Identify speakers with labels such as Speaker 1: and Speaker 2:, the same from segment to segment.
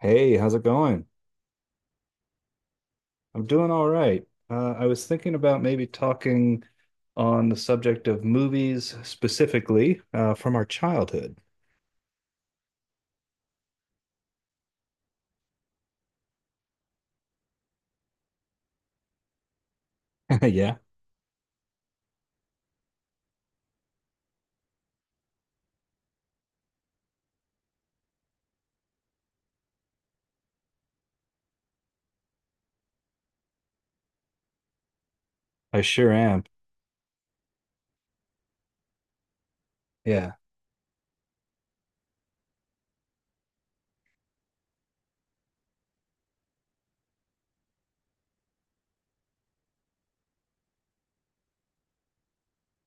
Speaker 1: Hey, how's it going? I'm doing all right. I was thinking about maybe talking on the subject of movies specifically from our childhood. Yeah, I sure am. Yeah,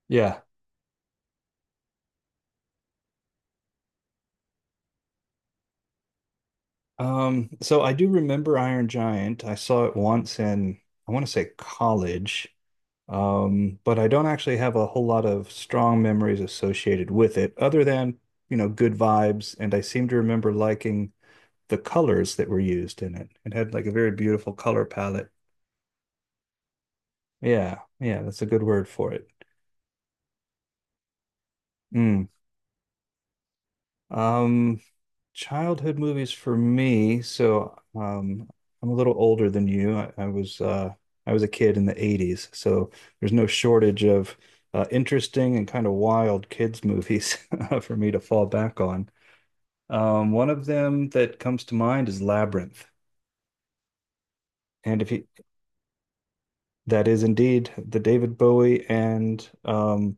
Speaker 1: yeah. So I do remember Iron Giant. I saw it once in, I want to say college, but I don't actually have a whole lot of strong memories associated with it, other than, good vibes. And I seem to remember liking the colors that were used in it. It had like a very beautiful color palette. Yeah, yeah, that's a good word for it. Mm. Um, Childhood movies for me. So, I'm a little older than you. I was I was a kid in the 80s, so there's no shortage of interesting and kind of wild kids movies for me to fall back on. One of them that comes to mind is Labyrinth, and if you, that is indeed the David Bowie and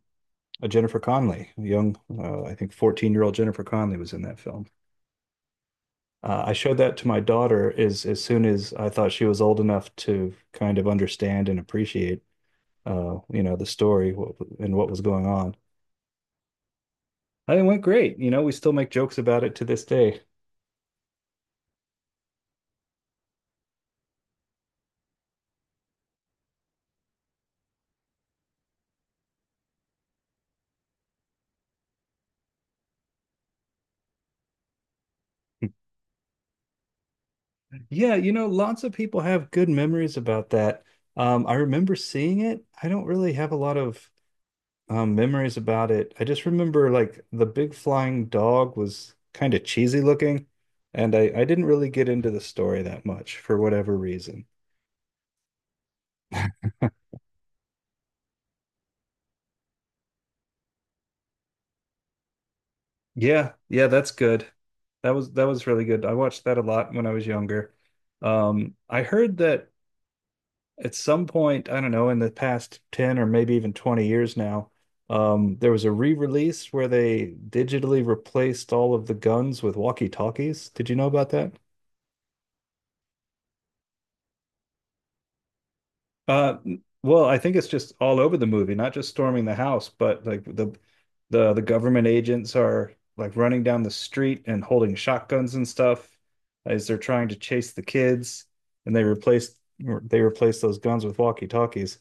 Speaker 1: a Jennifer Connelly, a young, I think, 14-year-old Jennifer Connelly was in that film. I showed that to my daughter as soon as I thought she was old enough to kind of understand and appreciate, the story and what was going on. And it went great. You know, we still make jokes about it to this day. Yeah, you know, lots of people have good memories about that. I remember seeing it. I don't really have a lot of memories about it. I just remember like the big flying dog was kind of cheesy looking, and I didn't really get into the story that much for whatever reason. Yeah, yeah, that's good. That was really good. I watched that a lot when I was younger. I heard that at some point, I don't know, in the past 10 or maybe even 20 years now, there was a re-release where they digitally replaced all of the guns with walkie-talkies. Did you know about that? Uh, well, I think it's just all over the movie, not just storming the house, but like the the government agents are like running down the street and holding shotguns and stuff as they're trying to chase the kids, and they replaced those guns with walkie-talkies.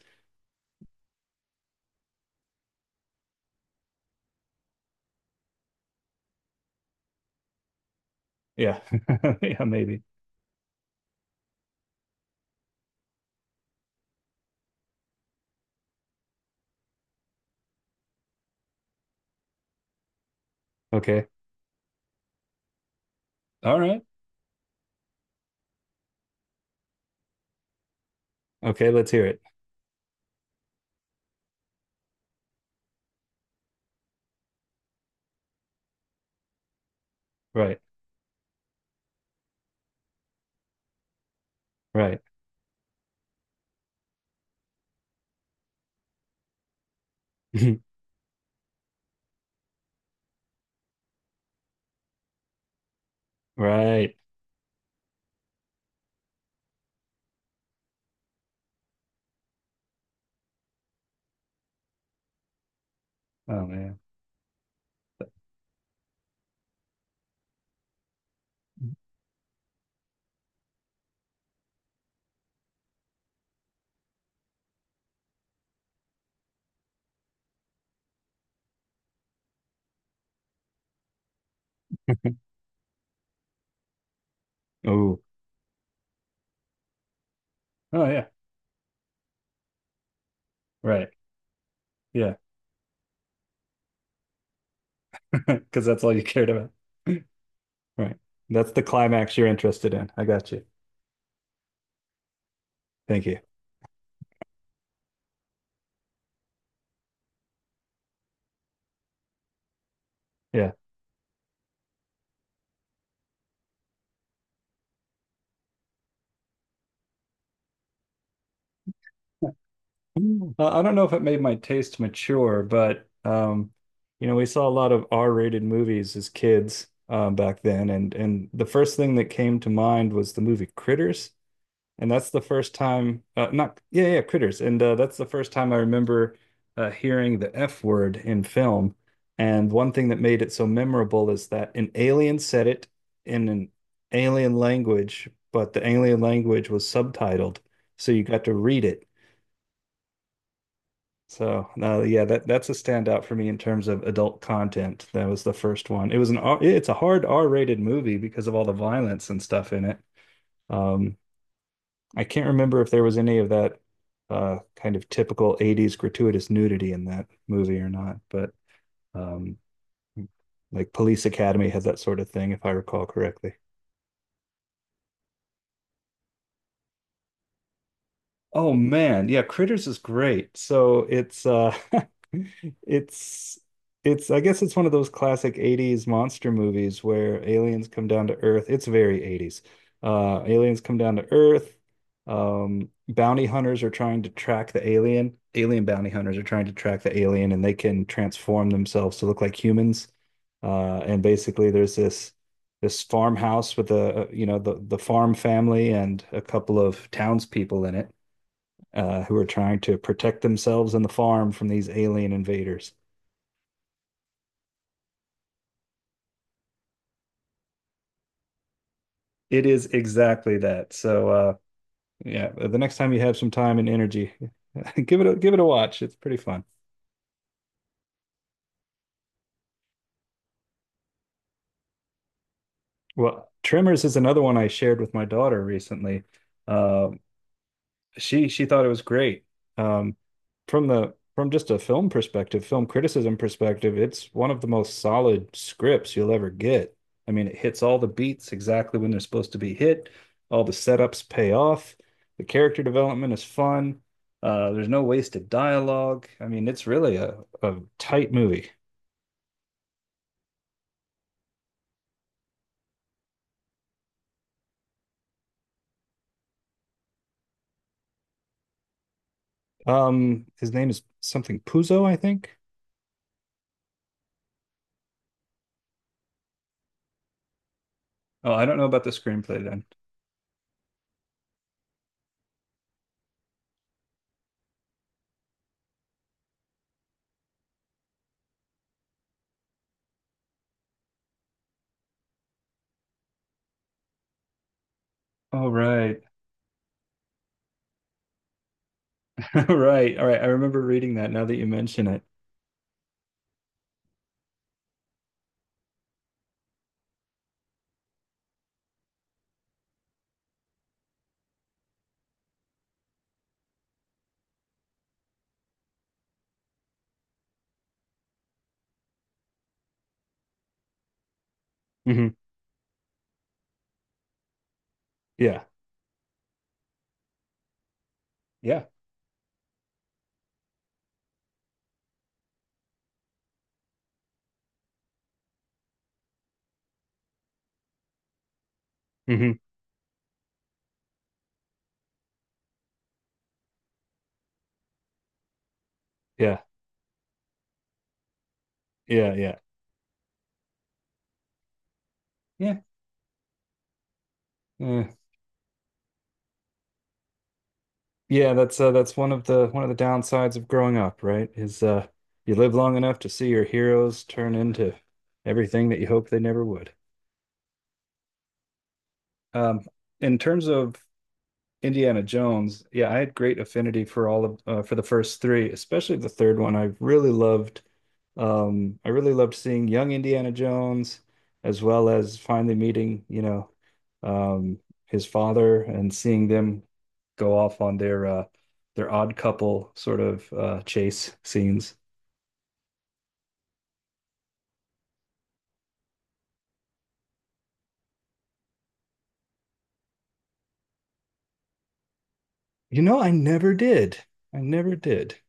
Speaker 1: Yeah, yeah, maybe. Okay, all right. Okay, let's hear it. Right, right, right. Oh man. Oh, oh yeah. Right. Yeah, because that's all you cared about. Right. That's the climax you're interested in. I got you. Thank you. Yeah. Mm. I don't know if it made my taste mature, but you know, we saw a lot of R-rated movies as kids back then, and the first thing that came to mind was the movie Critters. And that's the first time not yeah yeah critters and that's the first time I remember hearing the F word in film, and one thing that made it so memorable is that an alien said it in an alien language, but the alien language was subtitled, so you got to read it. So yeah, that's a standout for me in terms of adult content. That was the first one. It was an R, it's a hard R-rated movie because of all the violence and stuff in it. um I can't remember if there was any of that kind of typical 80s gratuitous nudity in that movie or not, but um, like Police Academy had that sort of thing, if I recall correctly. Oh man, yeah, Critters is great. So it's it's it's I guess it's one of those classic 80s monster movies where aliens come down to Earth. It's very 80s. Aliens come down to Earth. Bounty hunters are trying to track the alien. Alien bounty hunters are trying to track the alien, and they can transform themselves to look like humans. And basically there's this farmhouse with a, you know, the farm family and a couple of townspeople in it, who are trying to protect themselves and the farm from these alien invaders. It is exactly that. So yeah, the next time you have some time and energy, give it a watch. It's pretty fun. Well, Tremors is another one I shared with my daughter recently. Uh, she thought it was great. Um, from the from just a film perspective, film criticism perspective, it's one of the most solid scripts you'll ever get. I mean, it hits all the beats exactly when they're supposed to be hit. All the setups pay off. The character development is fun. There's no wasted dialogue. I mean, it's really a tight movie. His name is something Puzo, I think. Oh, I don't know about the screenplay then. All right. All right. All right. I remember reading that now that you mention it. Mhm. Yeah. Yeah. Hmm. Yeah. Yeah. Yeah. Yeah. Yeah. Yeah. That's one of the downsides of growing up, right? Is you live long enough to see your heroes turn into everything that you hope they never would. Um, in terms of Indiana Jones, yeah, I had great affinity for all of for the first three, especially the third one. I really loved. I really loved seeing young Indiana Jones, as well as finally meeting, you know, um, his father, and seeing them go off on their odd couple sort of chase scenes. You know, I never did. I never did.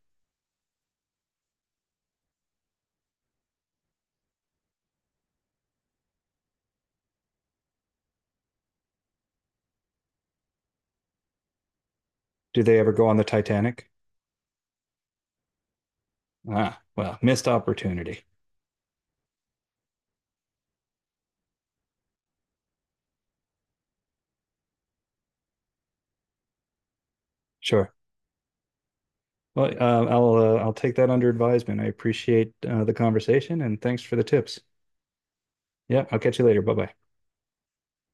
Speaker 1: Do they ever go on the Titanic? Ah, well, missed opportunity. Sure. Well, I'll take that under advisement. I appreciate the conversation, and thanks for the tips. Yeah, I'll catch you later. Bye bye.